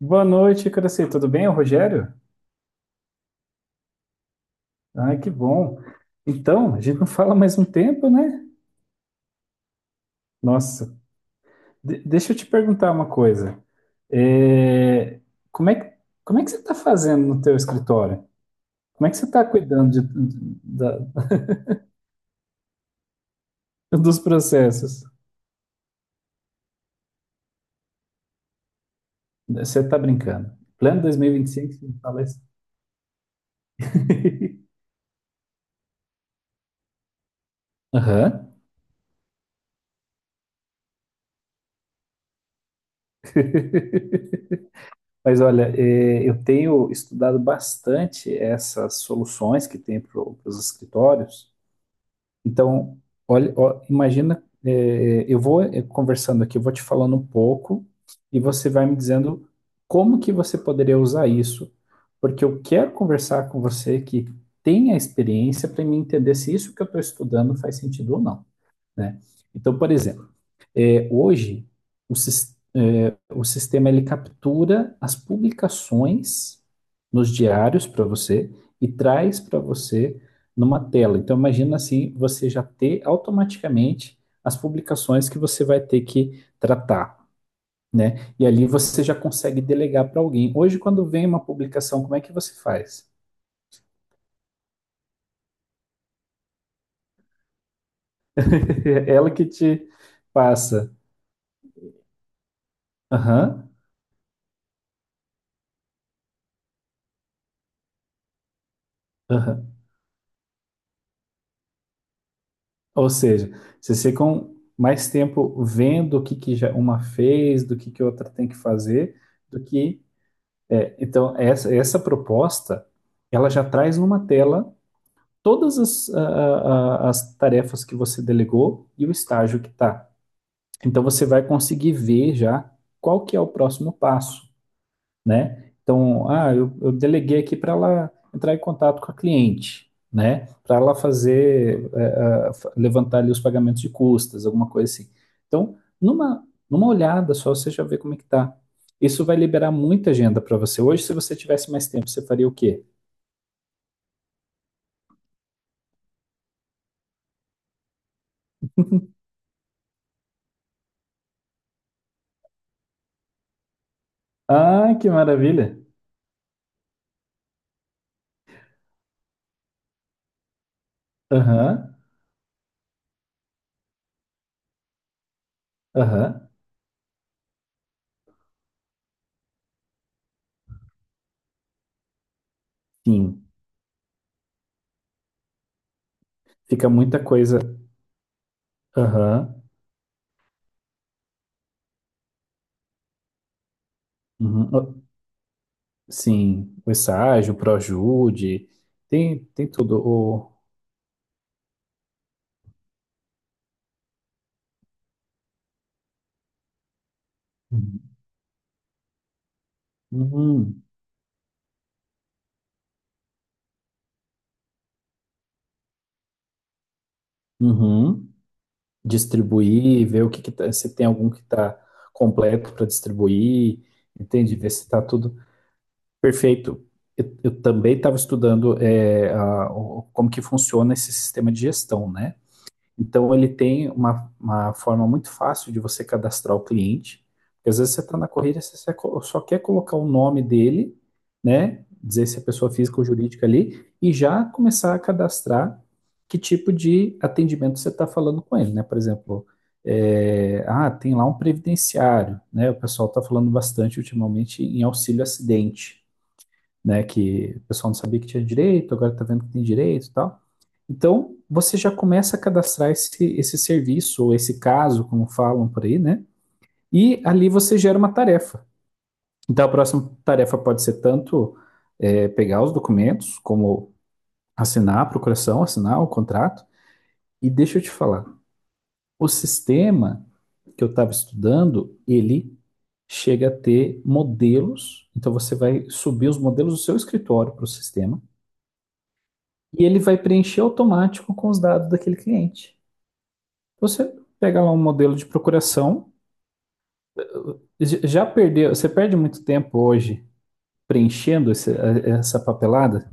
Boa noite, Cresci. Tudo bem? É o Rogério? Ah, que bom. Então, a gente não fala mais um tempo, né? Nossa, deixa eu te perguntar uma coisa. É, Como é que, como é que você está fazendo no teu escritório? Como é que você está cuidando dos processos? Você está brincando. Plano 2025, você me fala isso? Aham. Mas olha, eu tenho estudado bastante essas soluções que tem para os escritórios. Então, olha, ó, imagina, eu vou conversando aqui, eu vou te falando um pouco e você vai me dizendo como que você poderia usar isso, porque eu quero conversar com você, que tem a experiência, para me entender se isso que eu estou estudando faz sentido ou não, né? Então, por exemplo, hoje, o sistema ele captura as publicações nos diários para você e traz para você numa tela. Então, imagina assim, você já ter automaticamente as publicações que você vai ter que tratar, né? E ali você já consegue delegar para alguém. Hoje, quando vem uma publicação, como é que você faz? É ela que te passa. Aham, aham. Ou seja, vocês ficam mais tempo vendo o que, que já uma fez, do que outra tem que fazer, do que. Então, essa proposta, ela já traz numa tela todas as, as tarefas que você delegou e o estágio que está. Então, você vai conseguir ver já qual que é o próximo passo, né? Então, ah, eu deleguei aqui para ela entrar em contato com a cliente, né? Para ela fazer, levantar ali os pagamentos de custas, alguma coisa assim. Então, numa olhada só, você já vê como é que tá. Isso vai liberar muita agenda para você. Hoje, se você tivesse mais tempo, você faria o quê? Ah, que maravilha! Aham, aham, sim. Fica muita coisa. Aham, uhum, ah, sim. O estágio, o ProJude, tem, tem tudo. O, uhum. Uhum. Uhum. Distribuir, ver o que que tá, se tem algum que está completo para distribuir, entende? Ver se está tudo perfeito. Eu também estava estudando como que funciona esse sistema de gestão, né? Então, ele tem uma forma muito fácil de você cadastrar o cliente. Porque às vezes você está na corrida, você só quer colocar o nome dele, né? Dizer se é pessoa física ou jurídica ali, e já começar a cadastrar que tipo de atendimento você está falando com ele, né? Por exemplo, tem lá um previdenciário, né? O pessoal está falando bastante ultimamente em auxílio acidente, né? Que o pessoal não sabia que tinha direito, agora está vendo que tem direito e tal. Então, você já começa a cadastrar esse serviço, ou esse caso, como falam por aí, né? E ali você gera uma tarefa. Então, a próxima tarefa pode ser tanto pegar os documentos, como assinar a procuração, assinar o contrato. E deixa eu te falar, o sistema que eu estava estudando, ele chega a ter modelos. Então, você vai subir os modelos do seu escritório para o sistema e ele vai preencher automático com os dados daquele cliente. Você pega lá um modelo de procuração, você perde muito tempo hoje preenchendo essa papelada?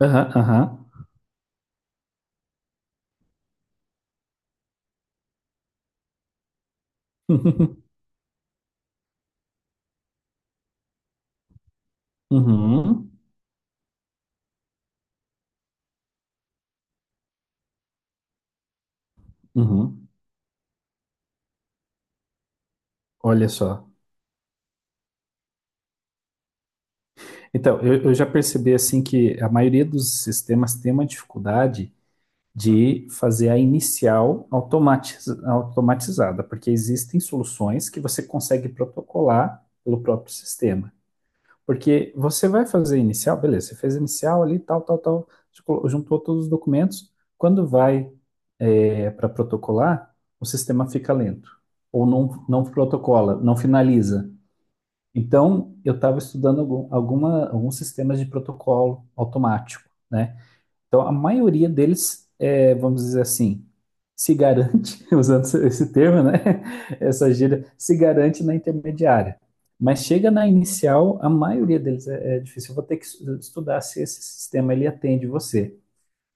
Aham, aham. Uhum, uhum. Olha só. Então, eu já percebi assim que a maioria dos sistemas tem uma dificuldade de fazer a inicial automatizada, porque existem soluções que você consegue protocolar pelo próprio sistema. Porque você vai fazer inicial, beleza, você fez inicial ali, tal, tal, tal, juntou todos os documentos. Quando vai para protocolar, o sistema fica lento, ou não, não protocola, não finaliza. Então, eu estava estudando alguns sistemas de protocolo automático, né? Então, a maioria deles, vamos dizer assim, se garante, usando esse termo, né? Essa gíria, se garante na intermediária. Mas chega na inicial, a maioria deles é difícil. Eu vou ter que estudar se esse sistema ele atende você.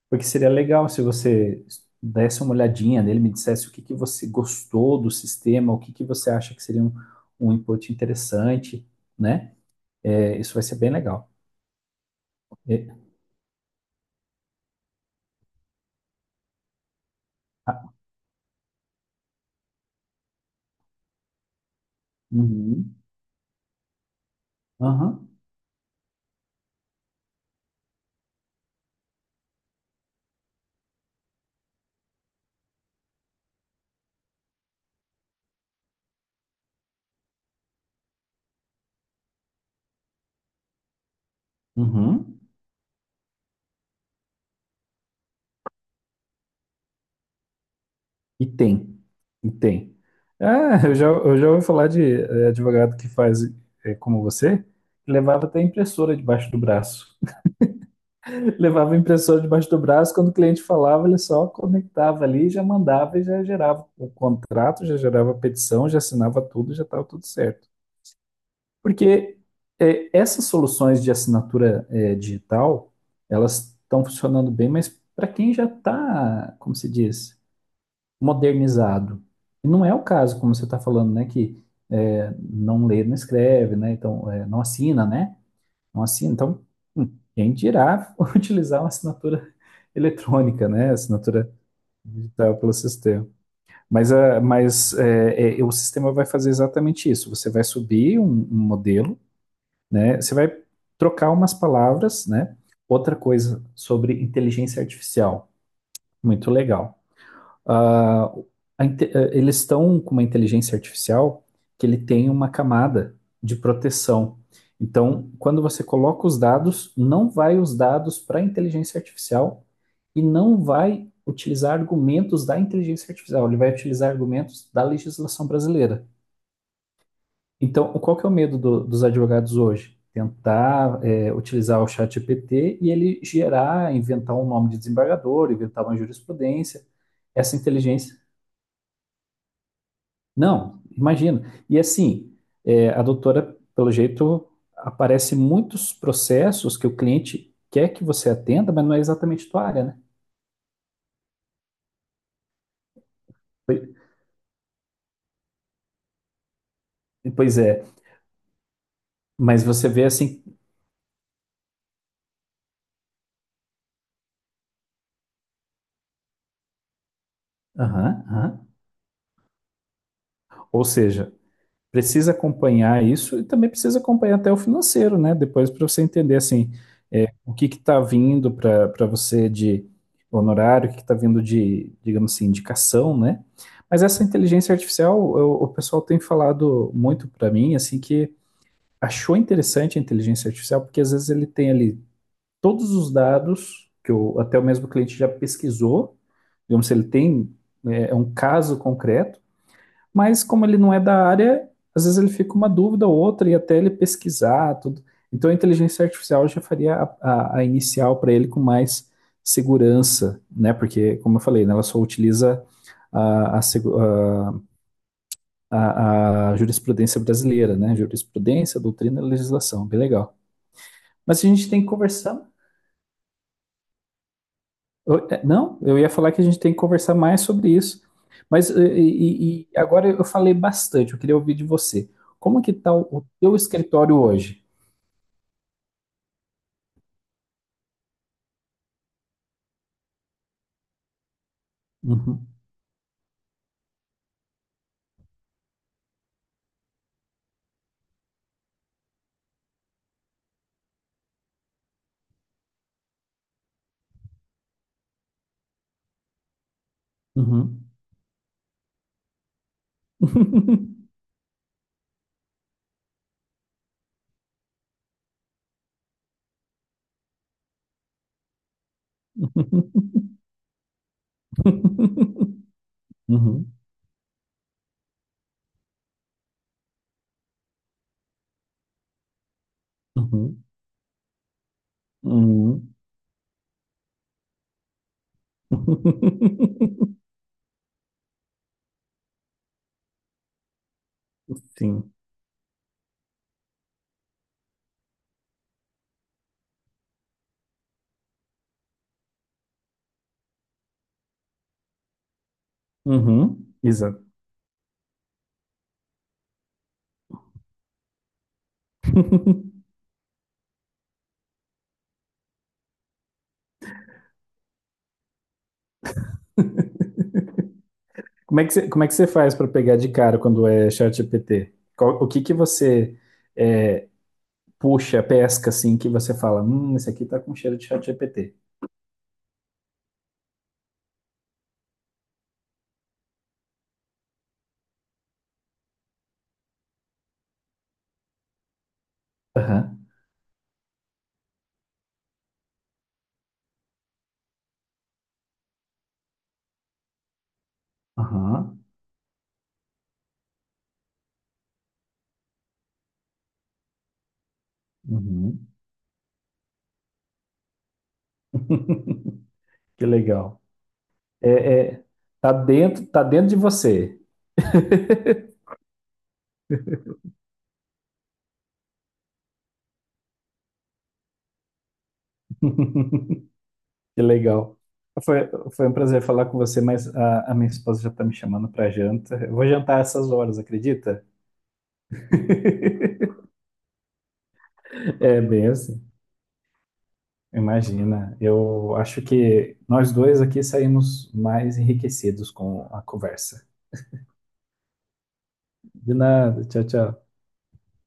Porque seria legal se você desse uma olhadinha nele, me dissesse o que que você gostou do sistema, o que que você acha que seria um input interessante, né? É, isso vai ser bem legal. É, uhum, aham, uhum. E tem, e tem. Ah, eu já ouvi falar de advogado que faz, como você, que levava até impressora debaixo do braço. Levava a impressora debaixo do braço, quando o cliente falava, ele só conectava ali, já mandava e já gerava o contrato, já gerava a petição, já assinava tudo, já estava tudo certo. Porque essas soluções de assinatura digital, elas estão funcionando bem, mas para quem já está, como se diz? Modernizado. E não é o caso, como você está falando, né, que não lê, não escreve, né, então não assina, né, não assina. Então, hum, quem dirá utilizar uma assinatura eletrônica, né, assinatura digital pelo sistema. Mas o sistema vai fazer exatamente isso. Você vai subir um, um modelo, né, você vai trocar umas palavras, né, outra coisa sobre inteligência artificial, muito legal. Ah, eles estão com uma inteligência artificial que ele tem uma camada de proteção. Então, quando você coloca os dados, não vai os dados para a inteligência artificial e não vai utilizar argumentos da inteligência artificial, ele vai utilizar argumentos da legislação brasileira. Então, qual que é o medo dos advogados hoje? Tentar utilizar o chat GPT e ele gerar, inventar um nome de desembargador, inventar uma jurisprudência, essa inteligência. Não, imagino. E assim, é, a doutora, pelo jeito, aparece muitos processos que o cliente quer que você atenda, mas não é exatamente tua área, né? Pois é, mas você vê assim, aham, aham. Ou seja, precisa acompanhar isso e também precisa acompanhar até o financeiro, né? Depois para você entender assim, o que está vindo para você de honorário, o que está vindo de, digamos assim, indicação, né? Mas essa inteligência artificial, o pessoal tem falado muito para mim, assim, que achou interessante a inteligência artificial, porque às vezes ele tem ali todos os dados que o, até o mesmo cliente já pesquisou, digamos, se ele tem um caso concreto, mas como ele não é da área, às vezes ele fica uma dúvida ou outra e até ele pesquisar tudo. Então a inteligência artificial já faria a inicial para ele com mais segurança, né? Porque, como eu falei, né, ela só utiliza a segu- a jurisprudência brasileira, né? Jurisprudência, doutrina, e legislação, bem legal. Mas a gente tem que conversar. Não, eu ia falar que a gente tem que conversar mais sobre isso. Mas e agora eu falei bastante, eu queria ouvir de você. Como que está o teu escritório hoje? Uhum, uhum. Uhum, uhum, uhum. Sim. Uhum, exato. Como é que você, como é que você faz para pegar de cara quando é ChatGPT? O que que você é, puxa, pesca, assim, que você fala, esse aqui tá com cheiro de ChatGPT? Aham, aham, uhum. Que legal. É, é, tá dentro de você. Que legal. Foi, foi um prazer falar com você, mas a minha esposa já tá me chamando pra janta. Eu vou jantar essas horas, acredita? É bem assim. Imagina. Eu acho que nós dois aqui saímos mais enriquecidos com a conversa. De nada. Tchau, tchau.